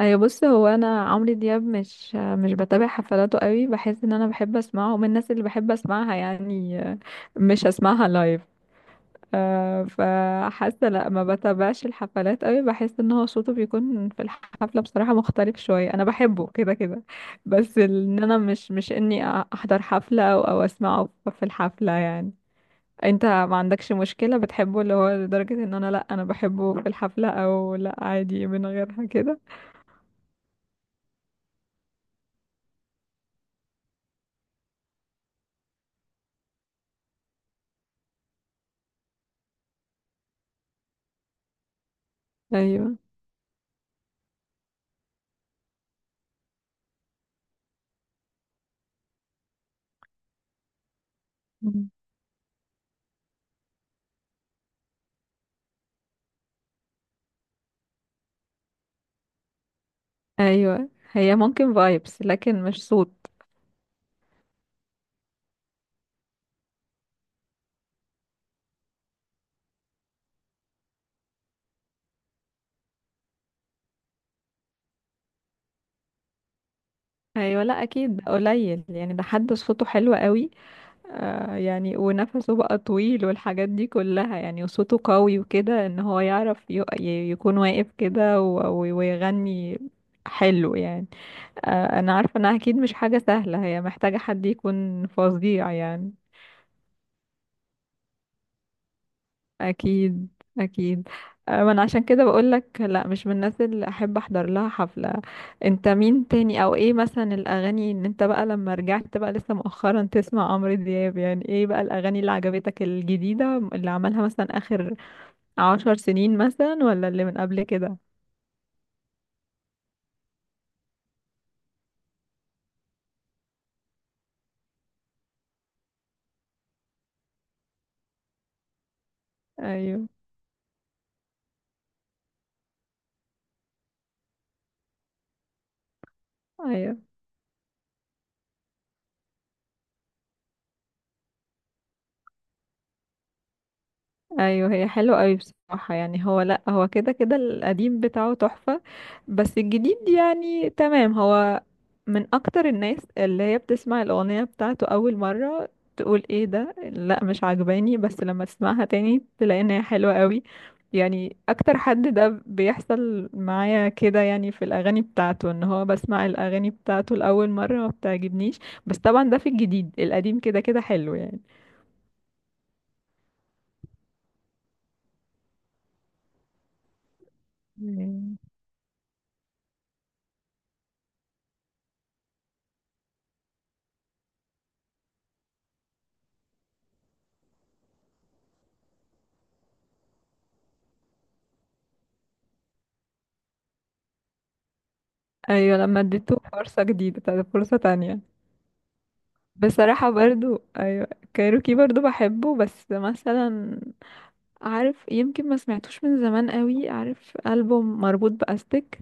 ايوه، بص، هو انا عمرو دياب مش بتابع حفلاته قوي. بحس ان انا بحب اسمعه ومن الناس اللي بحب اسمعها يعني. مش هسمعها لايف. فحاسه لا ما بتابعش الحفلات قوي. بحس ان هو صوته بيكون في الحفله بصراحه مختلف شويه. انا بحبه كده كده. بس ان انا مش اني احضر حفله او اسمعه في الحفله يعني. انت ما عندكش مشكله بتحبه اللي هو لدرجه، ان انا، لا، انا بحبه في الحفله، او لا، عادي من غيرها كده؟ ايوه. ايوه، هي ممكن فايبس، لكن مش صوت. ايوه، لا اكيد ده قليل يعني. ده حد صوته حلو قوي. آه يعني، ونفسه بقى طويل والحاجات دي كلها يعني، وصوته قوي وكده، ان هو يعرف يكون واقف كده ويغني حلو يعني. آه، انا عارفه انها اكيد مش حاجه سهله. هي محتاجه حد يكون فظيع يعني. اكيد. اكيد. ما انا عشان كده بقول لك لا مش من الناس اللي احب احضر لها حفلة. انت مين تاني، او ايه مثلا الاغاني ان انت بقى لما رجعت بقى لسه مؤخرا تسمع عمرو دياب؟ يعني ايه بقى الاغاني اللي عجبتك الجديدة اللي عملها مثلا اخر عشر سنين مثلا، ولا اللي من قبل كده؟ ايوه. ايوه. ايوه، هي حلوه قوي بصراحه يعني. هو لا، هو كده كده القديم بتاعه تحفه، بس الجديد يعني تمام. هو من اكتر الناس اللي هي بتسمع الاغنيه بتاعته اول مره تقول ايه ده، لا مش عجباني، بس لما تسمعها تاني تلاقي ان هي حلوه قوي. يعني اكتر حد ده بيحصل معايا كده يعني، في الاغاني بتاعته، ان هو بسمع الاغاني بتاعته لاول مره ما بتعجبنيش. بس طبعا ده في الجديد، القديم كده كده حلو يعني. ايوه، لما اديته فرصة جديدة، فرصة تانية. بصراحة برضو ايوه، كايروكي برضو بحبه، بس مثلا عارف، يمكن ما سمعتوش من زمان قوي، عارف ألبوم مربوط بأستك؟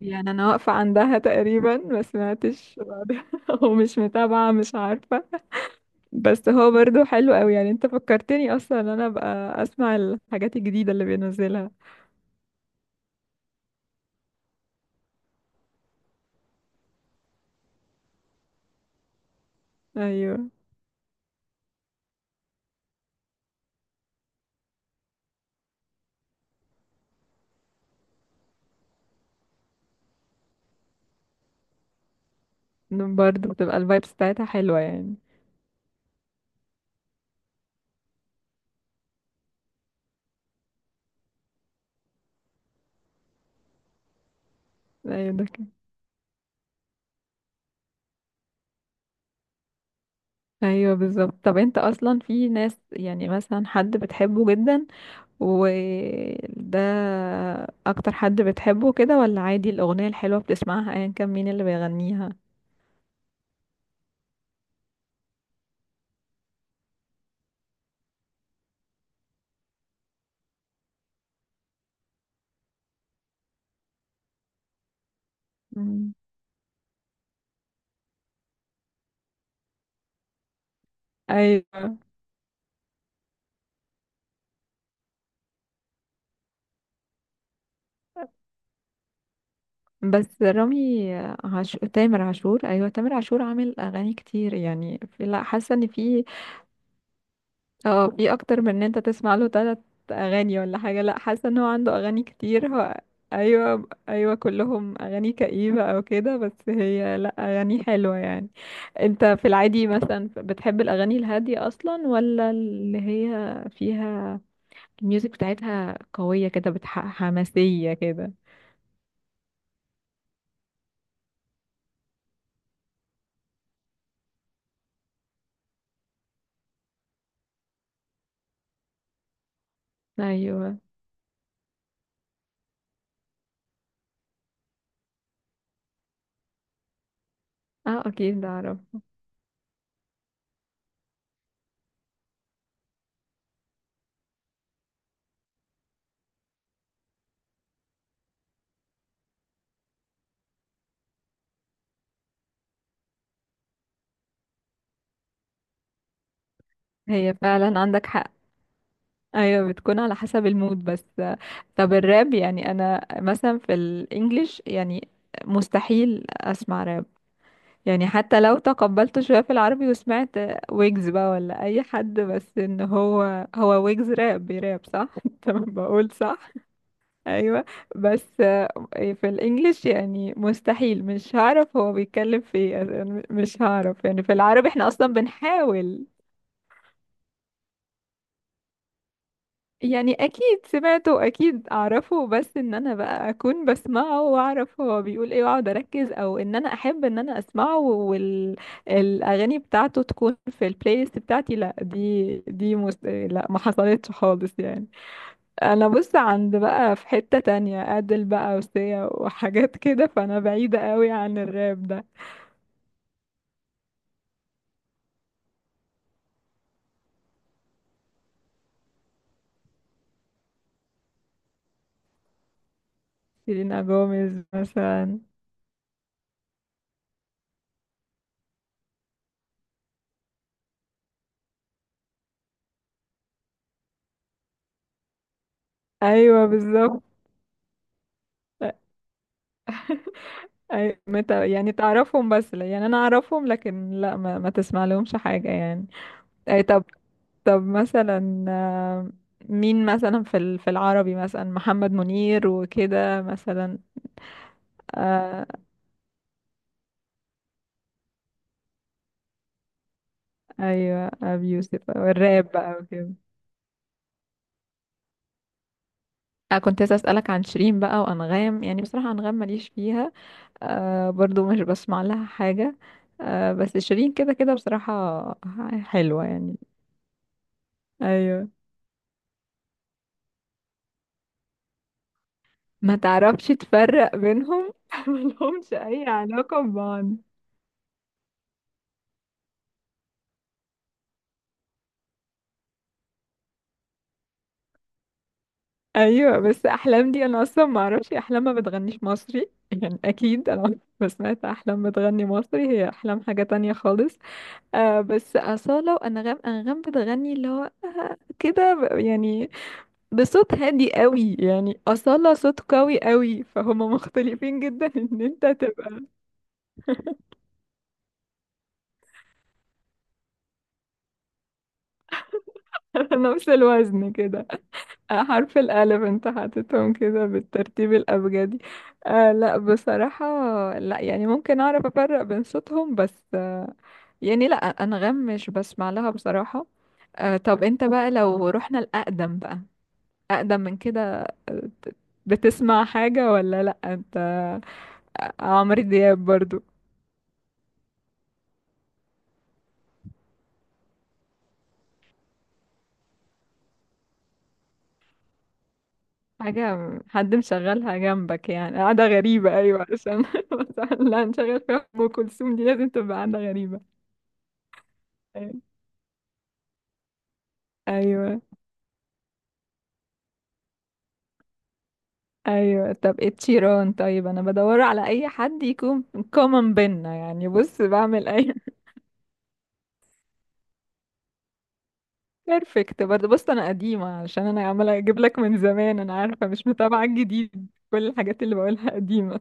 يعني انا واقفة عندها تقريبا، ما سمعتش بعدها ومش متابعة مش عارفة. بس هو برضو حلو قوي يعني. انت فكرتني اصلا ان انا ابقى اسمع الحاجات الجديدة اللي بينزلها. ايوه، برضو بتبقى الفايبس بتاعتها حلوة يعني. ايوه ده. ايوه بالظبط. طب انت اصلا في ناس يعني مثلا حد بتحبه جدا، وده اكتر حد بتحبه كده، ولا عادي الاغنية الحلوة بتسمعها ايا كان مين اللي بيغنيها؟ مم. ايوه. بس رامي عاشور، تامر عاشور، ايوه تامر عاشور عامل اغاني كتير يعني. في لا، حاسه ان في، اه، في اكتر من ان انت تسمع له تلات اغاني ولا حاجه. لا حاسه ان هو عنده اغاني كتير هو. ايوه ايوه، كلهم اغاني كئيبه او كده، بس هي لا، اغاني حلوه يعني. انت في العادي مثلا بتحب الاغاني الهاديه اصلا، ولا اللي هي فيها الميوزك بتاعتها قويه كده حماسيه كده؟ ايوه. اه اكيد اعرف. هي فعلا عندك حق. ايوه، بتكون على حسب المود بس. طب الراب يعني، انا مثلا في الانجليش يعني مستحيل اسمع راب يعني. حتى لو تقبلته شويه في العربي، وسمعت ويجز بقى ولا اي حد، بس ان هو هو ويجز راب بيراب صح تمام، بقول صح. ايوه. بس في الانجليش يعني مستحيل، مش هعرف هو بيتكلم في ايه. أنا مش هعرف يعني، في العربي احنا اصلا بنحاول يعني. اكيد سمعته واكيد اعرفه، بس ان انا بقى اكون بسمعه واعرف هو بيقول ايه واقعد اركز، او ان انا احب ان انا اسمعه والاغاني بتاعته تكون في البلاي ليست بتاعتي، لا دي لا ما حصلتش خالص يعني. انا بص عند بقى في حتة تانية، ادل بقى وسيا وحاجات كده، فانا بعيدة قوي عن الراب ده. سيلينا جوميز مثلا. ايوه بالظبط. يعني تعرفهم، بس يعني انا اعرفهم، لكن لا ما تسمع لهمش حاجة يعني. أي طب، طب مثلا، مين مثلا في في العربي مثلا محمد منير وكده مثلا؟ آه ايوه، ابي يوسف والراب بقى وكده. أنا كنت لسه أسألك عن شيرين بقى وأنغام. يعني بصراحة أنغام ماليش فيها. آه برضو مش بسمع لها حاجة. آه بس شيرين كده كده بصراحة حلوة يعني. أيوه. ما تعرفش تفرق بينهم ملهمش اي علاقة ببعض. ايوه، بس احلام دي انا اصلا ما اعرفش. احلام ما بتغنيش مصري يعني. اكيد انا عمري ما سمعت احلام بتغني مصري. هي احلام حاجة تانية خالص. آه بس أصالة وأنغام. أنغام بتغني اللي هو آه كده يعني بصوت هادي قوي يعني. أصالة صوت قوي قوي، فهما مختلفين جدا ان انت تبقى على نفس الوزن كده. آه، حرف الألف انت حاططهم كده بالترتيب الأبجدي. آه لا بصراحة، لا يعني ممكن أعرف أفرق بين صوتهم، بس آه يعني لا، أنغام مش بسمع لها بصراحة. آه طب انت بقى لو رحنا الأقدم بقى، أقدم من كده، آه، بتسمع حاجة ولا لا انت؟ عمرو دياب برضو. حاجة حد مشغلها جنبك يعني، قاعدة غريبة أيوة عشان مثلا لا، نشغل فيها أم كلثوم دي لازم تبقى قاعدة غريبة. أيوة. ايوه، طب ايه التيران؟ طيب، انا بدور على اي حد يكون كومن بينا يعني. بص بعمل اي بيرفكت. برضه بص انا قديمه، علشان انا عماله اجيب لك من زمان. انا عارفه مش متابعه الجديد، كل الحاجات اللي بقولها قديمه.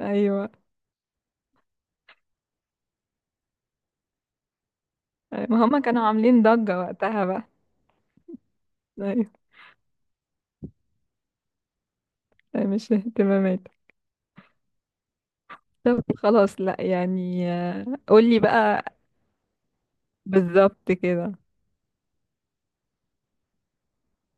ايوه، ما هما كانوا عاملين ضجه وقتها بقى. ايوه. أيوه، مش اهتمامات. طب خلاص لا يعني، قولي بقى. بالظبط كده.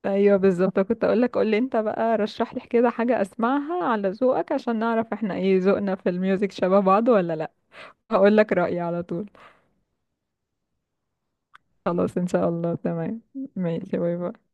ايوه بالظبط. كنت اقول لك، قول لي انت بقى رشح لي كده حاجه اسمعها على ذوقك، عشان نعرف احنا ايه ذوقنا في الميوزك شبه بعض ولا لا. هقول لك رايي على طول. خلاص ان شاء الله، تمام. ماشي، باي باي.